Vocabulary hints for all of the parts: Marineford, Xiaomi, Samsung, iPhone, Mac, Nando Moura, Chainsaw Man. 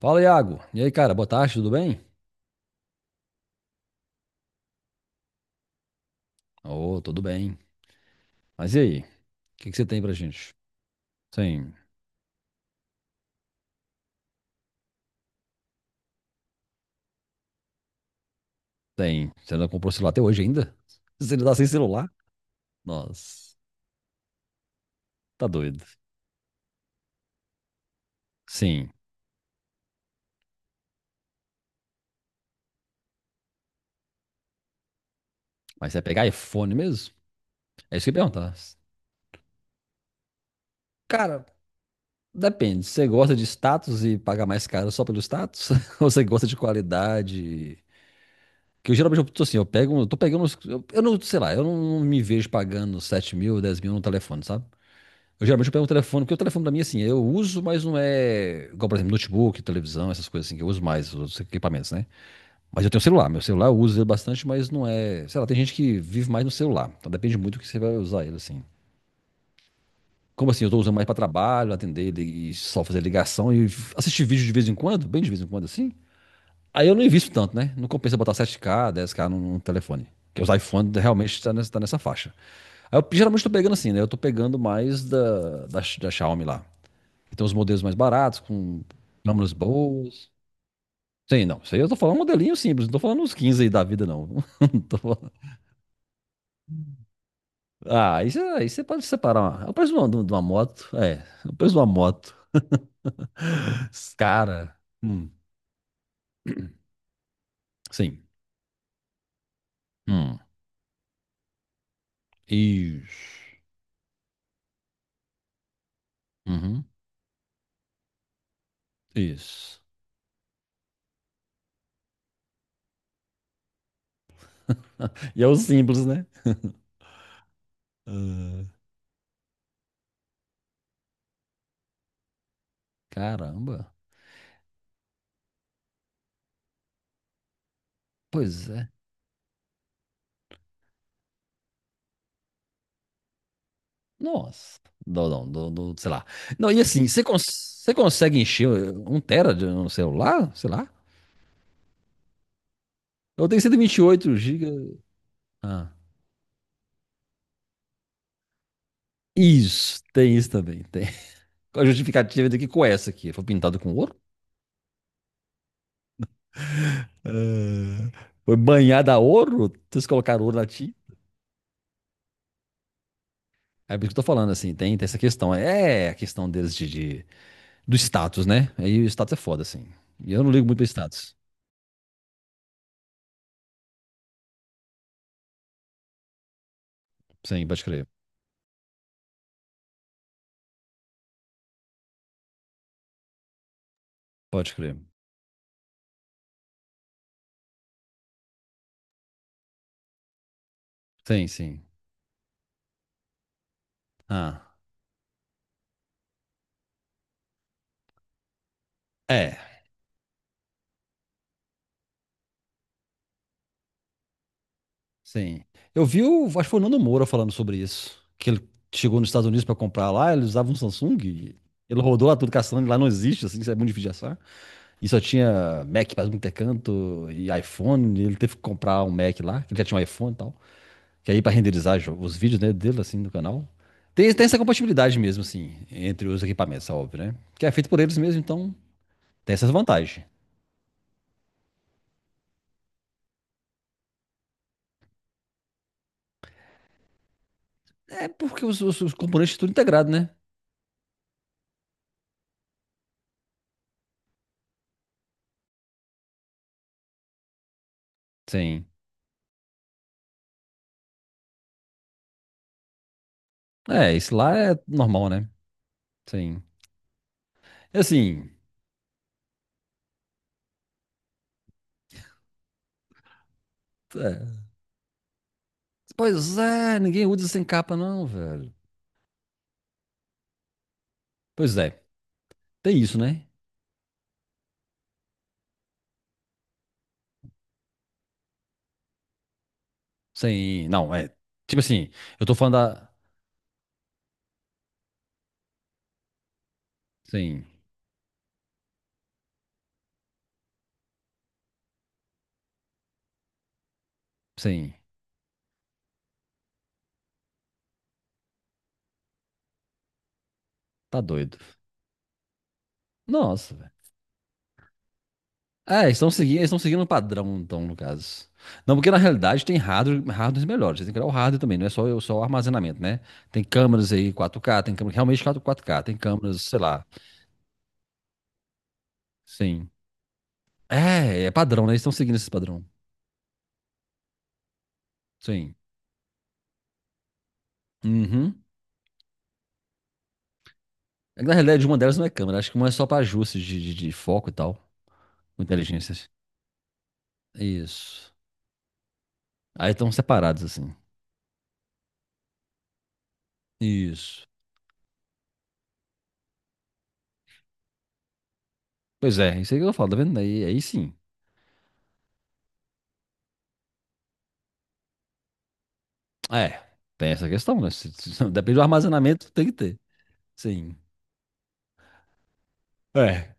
Fala, Iago. E aí, cara, boa tarde, tudo bem? Ô, tudo bem. Mas e aí? O que que você tem pra gente? Sim, tem. Você não comprou celular até hoje ainda? Você ainda tá sem celular? Nossa, tá doido. Sim, mas você vai pegar iPhone mesmo? É isso que eu ia perguntar. Cara, depende. Você gosta de status e paga mais caro só pelo status? Ou você gosta de qualidade? Que eu geralmente eu tô assim, eu pego, eu tô pegando, eu não, sei lá, eu não, não me vejo pagando 7 mil, 10 mil no telefone, sabe? Eu geralmente eu pego o telefone, porque o telefone pra mim, assim, eu uso, mas não é. Igual, por exemplo, notebook, televisão, essas coisas assim, que eu uso mais, os outros equipamentos, né? Mas eu tenho celular, meu celular eu uso ele bastante, mas não é. Sei lá, tem gente que vive mais no celular, então depende muito do que você vai usar ele, assim. Como assim, eu tô usando mais pra trabalho, atender e só fazer ligação e assistir vídeo de vez em quando, bem de vez em quando, assim. Aí eu não invisto tanto, né? Não compensa botar 7K 10K num telefone. Porque os iPhones realmente tá nessa faixa. Aí eu geralmente tô pegando assim, né? Eu tô pegando mais da Xiaomi lá. Tem os modelos mais baratos, com câmeras boas. Sim, não. Isso aí eu tô falando um modelinho simples, não tô falando uns 15 aí da vida, não. Não tô falando- Ah, aí você pode separar. É o preço de uma moto. É, é o preço de uma moto. Cara. Hum, sim. Hum, isso. Uhum, isso. E é o simples, né? Ah, caramba. Pois é. Nossa. Não, não, não, não, sei lá. Não, e assim, você você consegue encher um tera de um celular? Sei lá. Eu tenho 128 gigas. Ah. Isso, tem isso também, tem. A justificativa daqui com essa aqui. Foi pintado com ouro? É, foi banhada a ouro? Vocês colocaram ouro na ti? É por isso que eu tô falando, assim, tem, tem essa questão. É a questão deles de- do status, né? Aí o status é foda, assim. E eu não ligo muito pro status. Sim, pode crer. Pode crer. Sim, sim. Ah, é. Sim. Eu vi, o, acho que foi o Nando Moura falando sobre isso. Que ele chegou nos Estados Unidos para comprar lá, ele usava um Samsung. E ele rodou lá tudo caçando, lá não existe, assim, isso é muito difícil de achar. E só tinha Mac para muito canto e iPhone. E ele teve que comprar um Mac lá, que ele já tinha um iPhone e tal. Que aí para renderizar os vídeos, né, dele, assim, no canal. Tem, tem essa compatibilidade mesmo, assim, entre os equipamentos, é óbvio, né? Que é feito por eles mesmo, então tem essas vantagens. É porque os componentes tudo integrado, né? Sim. É, isso lá é normal, né? Sim. É assim, é. Pois é, ninguém usa sem capa, não, velho. Pois é, tem isso, né? Sem. Não, é. Tipo assim, eu tô falando da. Sim, sim. Tá doido. Nossa, velho. É, eles estão seguindo o padrão, então, no caso. Não, porque na realidade tem hardware, hardwares melhores. Você tem que olhar o hardware também, não é só o armazenamento, né? Tem câmeras aí 4K, tem câmeras realmente 4K, tem câmeras, sei lá. Sim. É, é padrão, né? Eles estão seguindo esse padrão. Sim. Uhum. É que, na realidade, uma delas não é câmera. Acho que uma é só pra ajustes de, de foco e tal. Com inteligências. Isso. Aí estão separados, assim. Isso. Pois é, isso aí que eu falo, tá vendo? Aí, aí sim. É, tem essa questão, né? Depende do armazenamento, tem que ter. Sim. É.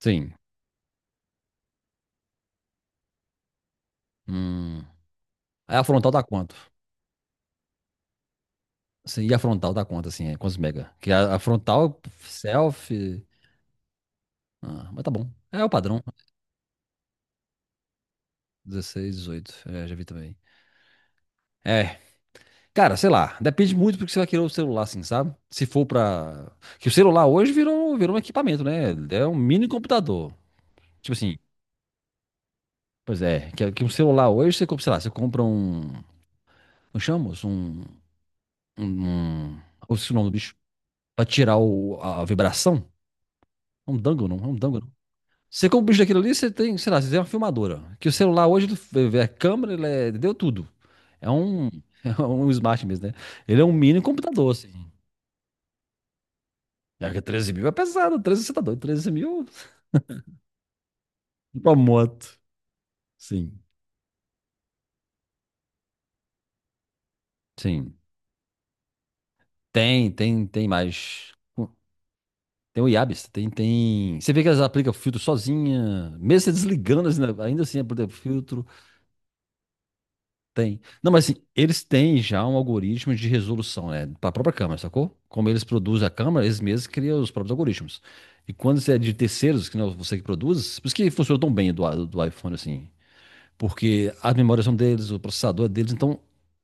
Sim. Hum. Aí a frontal dá quanto? Sim, e a frontal dá quanto, assim? É, quantos mega? Que a frontal, selfie. Ah, mas tá bom. É o padrão. 16, dezoito, é, já vi também. É, cara, sei lá, depende muito do que você vai querer o celular, assim, sabe? Se for pra. Que o celular hoje virou, virou um equipamento, né? É um mini computador. Tipo assim, pois é, que um celular hoje você compra, sei lá, você compra um. Como chama? Moço? Um. Um. Esqueci o nome do bicho. Pra tirar a vibração. É um dangle, não? É um dangle, não. Você compra o bicho daquilo ali, você tem, sei lá, você tem uma filmadora. Que o celular hoje ele é câmera, ele é, deu tudo. É um. É um smart mesmo, né? Ele é um mini computador, assim. É que 13 mil é pesado, 13 você tá doido, 13 mil pra moto. Sim, sim. Tem mais. Tem o Iabis, tem, tem. Você vê que elas aplicam filtro sozinha, mesmo você desligando, assim, né, ainda assim, aplica filtro, tem. Não, mas assim, eles têm já um algoritmo de resolução, né, para a própria câmera, sacou? Como eles produzem a câmera, eles mesmos criam os próprios algoritmos. E quando você é de terceiros, que não é você que produz, por isso que funciona tão bem do iPhone, assim. Porque as memórias são deles, o processador é deles, então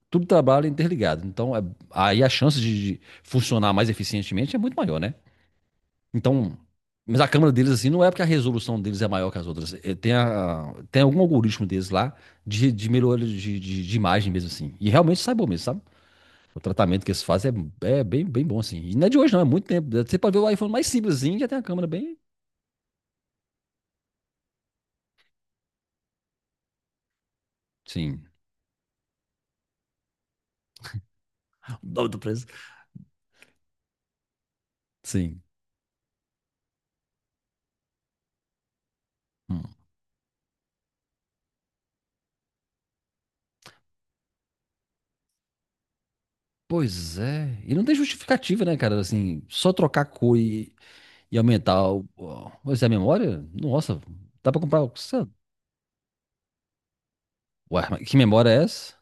tudo trabalha interligado. Então, aí a chance de funcionar mais eficientemente é muito maior, né? Então, mas a câmera deles, assim, não é porque a resolução deles é maior que as outras. É, tem, tem algum algoritmo deles lá de melhoria de, de imagem mesmo, assim. E realmente sai bom mesmo, sabe? O tratamento que eles fazem é, é bem, bem bom, assim. E não é de hoje, não, é muito tempo. Você pode ver o iPhone mais simplesinho, já tem a câmera bem. Sim. O nome do preço. Sim. Hum. Pois é. E não tem justificativa, né, cara? Assim, só trocar cor e aumentar pois é, a memória? Nossa, dá pra comprar, sei lá. Ué, mas que memória é essa?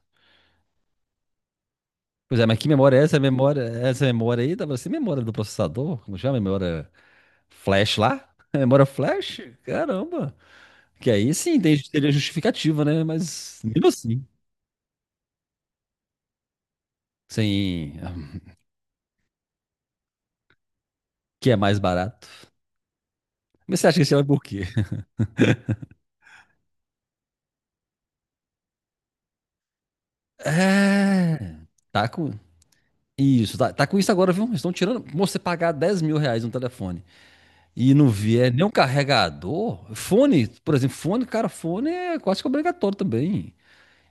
Pois é, mas que memória é essa? Memória, essa memória aí? Dá pra ser memória do processador? Como chama? Memória flash lá? Memória flash? Caramba! Que aí sim tem, teria justificativa, né? Mas mesmo assim, sem. Que é mais barato. Mas você acha que esse é por quê? É. Tá com. Isso, tá, tá com isso agora, viu? Estão tirando. Moço, você pagar 10 mil reais no telefone e não vier nem um carregador, fone, por exemplo, fone, cara, fone é quase que obrigatório também.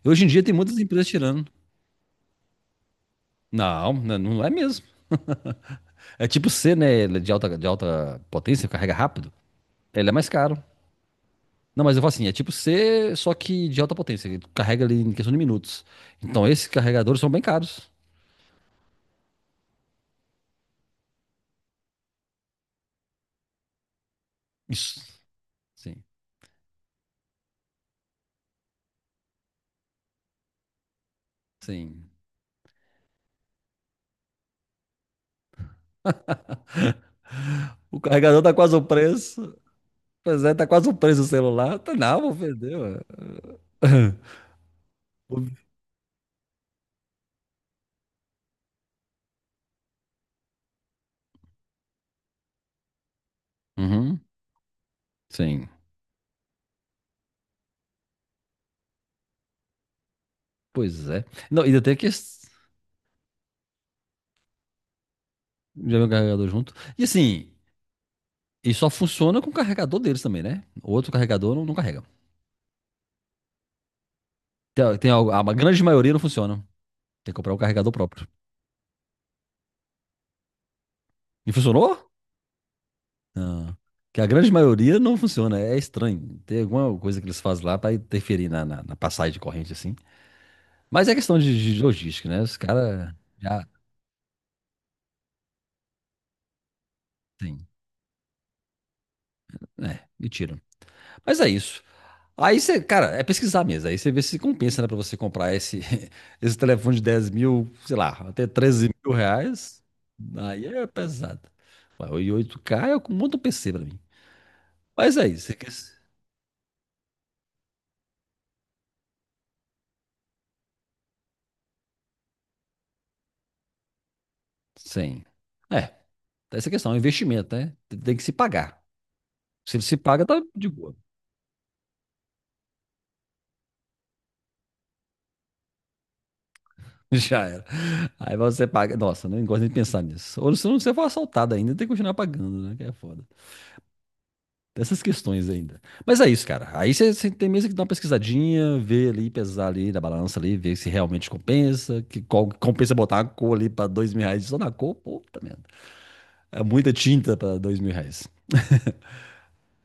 Hoje em dia tem muitas empresas tirando. Não, né, não é mesmo. É tipo C, né? Ele é de alta, de alta potência, carrega rápido. Ele é mais caro. Não, mas eu falo assim, é tipo C, só que de alta potência. Ele carrega ali em questão de minutos. Então, esses carregadores são bem caros. Isso. Sim, sim. O carregador tá quase o preço. Pois é, tá quase o preço do celular. Tá, não, vou vender, ué. Uhum, sim. Pois é. Não, ainda tem que já vem o carregador junto. E assim, e só funciona com o carregador deles também, né? O outro carregador não, não carrega. Tem, tem a grande maioria não funciona. Tem que comprar um carregador próprio. E funcionou? Não. Que a grande maioria não funciona. É estranho. Tem alguma coisa que eles fazem lá pra interferir na, na, na passagem de corrente, assim. Mas é questão de logística, né? Os caras já tem. É, e tiram. Mas é isso. Aí você, cara, é pesquisar mesmo. Aí você vê se compensa, né, pra você comprar esse, esse telefone de 10 mil, sei lá, até 13 mil reais. Aí é pesado. Vai, o 8K é um monte de PC pra mim. Mas é isso, você quer- Sim. É, tem essa questão, é um investimento, né? Tem tem que se pagar. Se se paga, tá de boa. Já era. Aí você paga. Nossa, não gosto nem de pensar nisso. Ou se não, você for assaltado ainda, tem que continuar pagando, né? Que é foda. Dessas questões ainda. Mas é isso, cara. Aí você você tem mesmo que dar uma pesquisadinha, ver ali, pesar ali na balança ali, ver se realmente compensa, que compensa botar uma cor ali pra 2 mil reais só na cor, puta merda. É muita tinta pra 2 mil reais.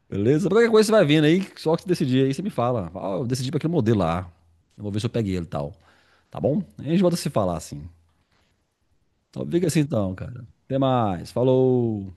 Beleza? Qualquer coisa você vai vendo aí, só que você decidir aí, você me fala. Ah, eu decidi pra aquele modelo lá. Eu vou ver se eu peguei ele e tal. Tá bom? Aí a gente volta a se falar assim. Então fica assim então, cara. Até mais. Falou!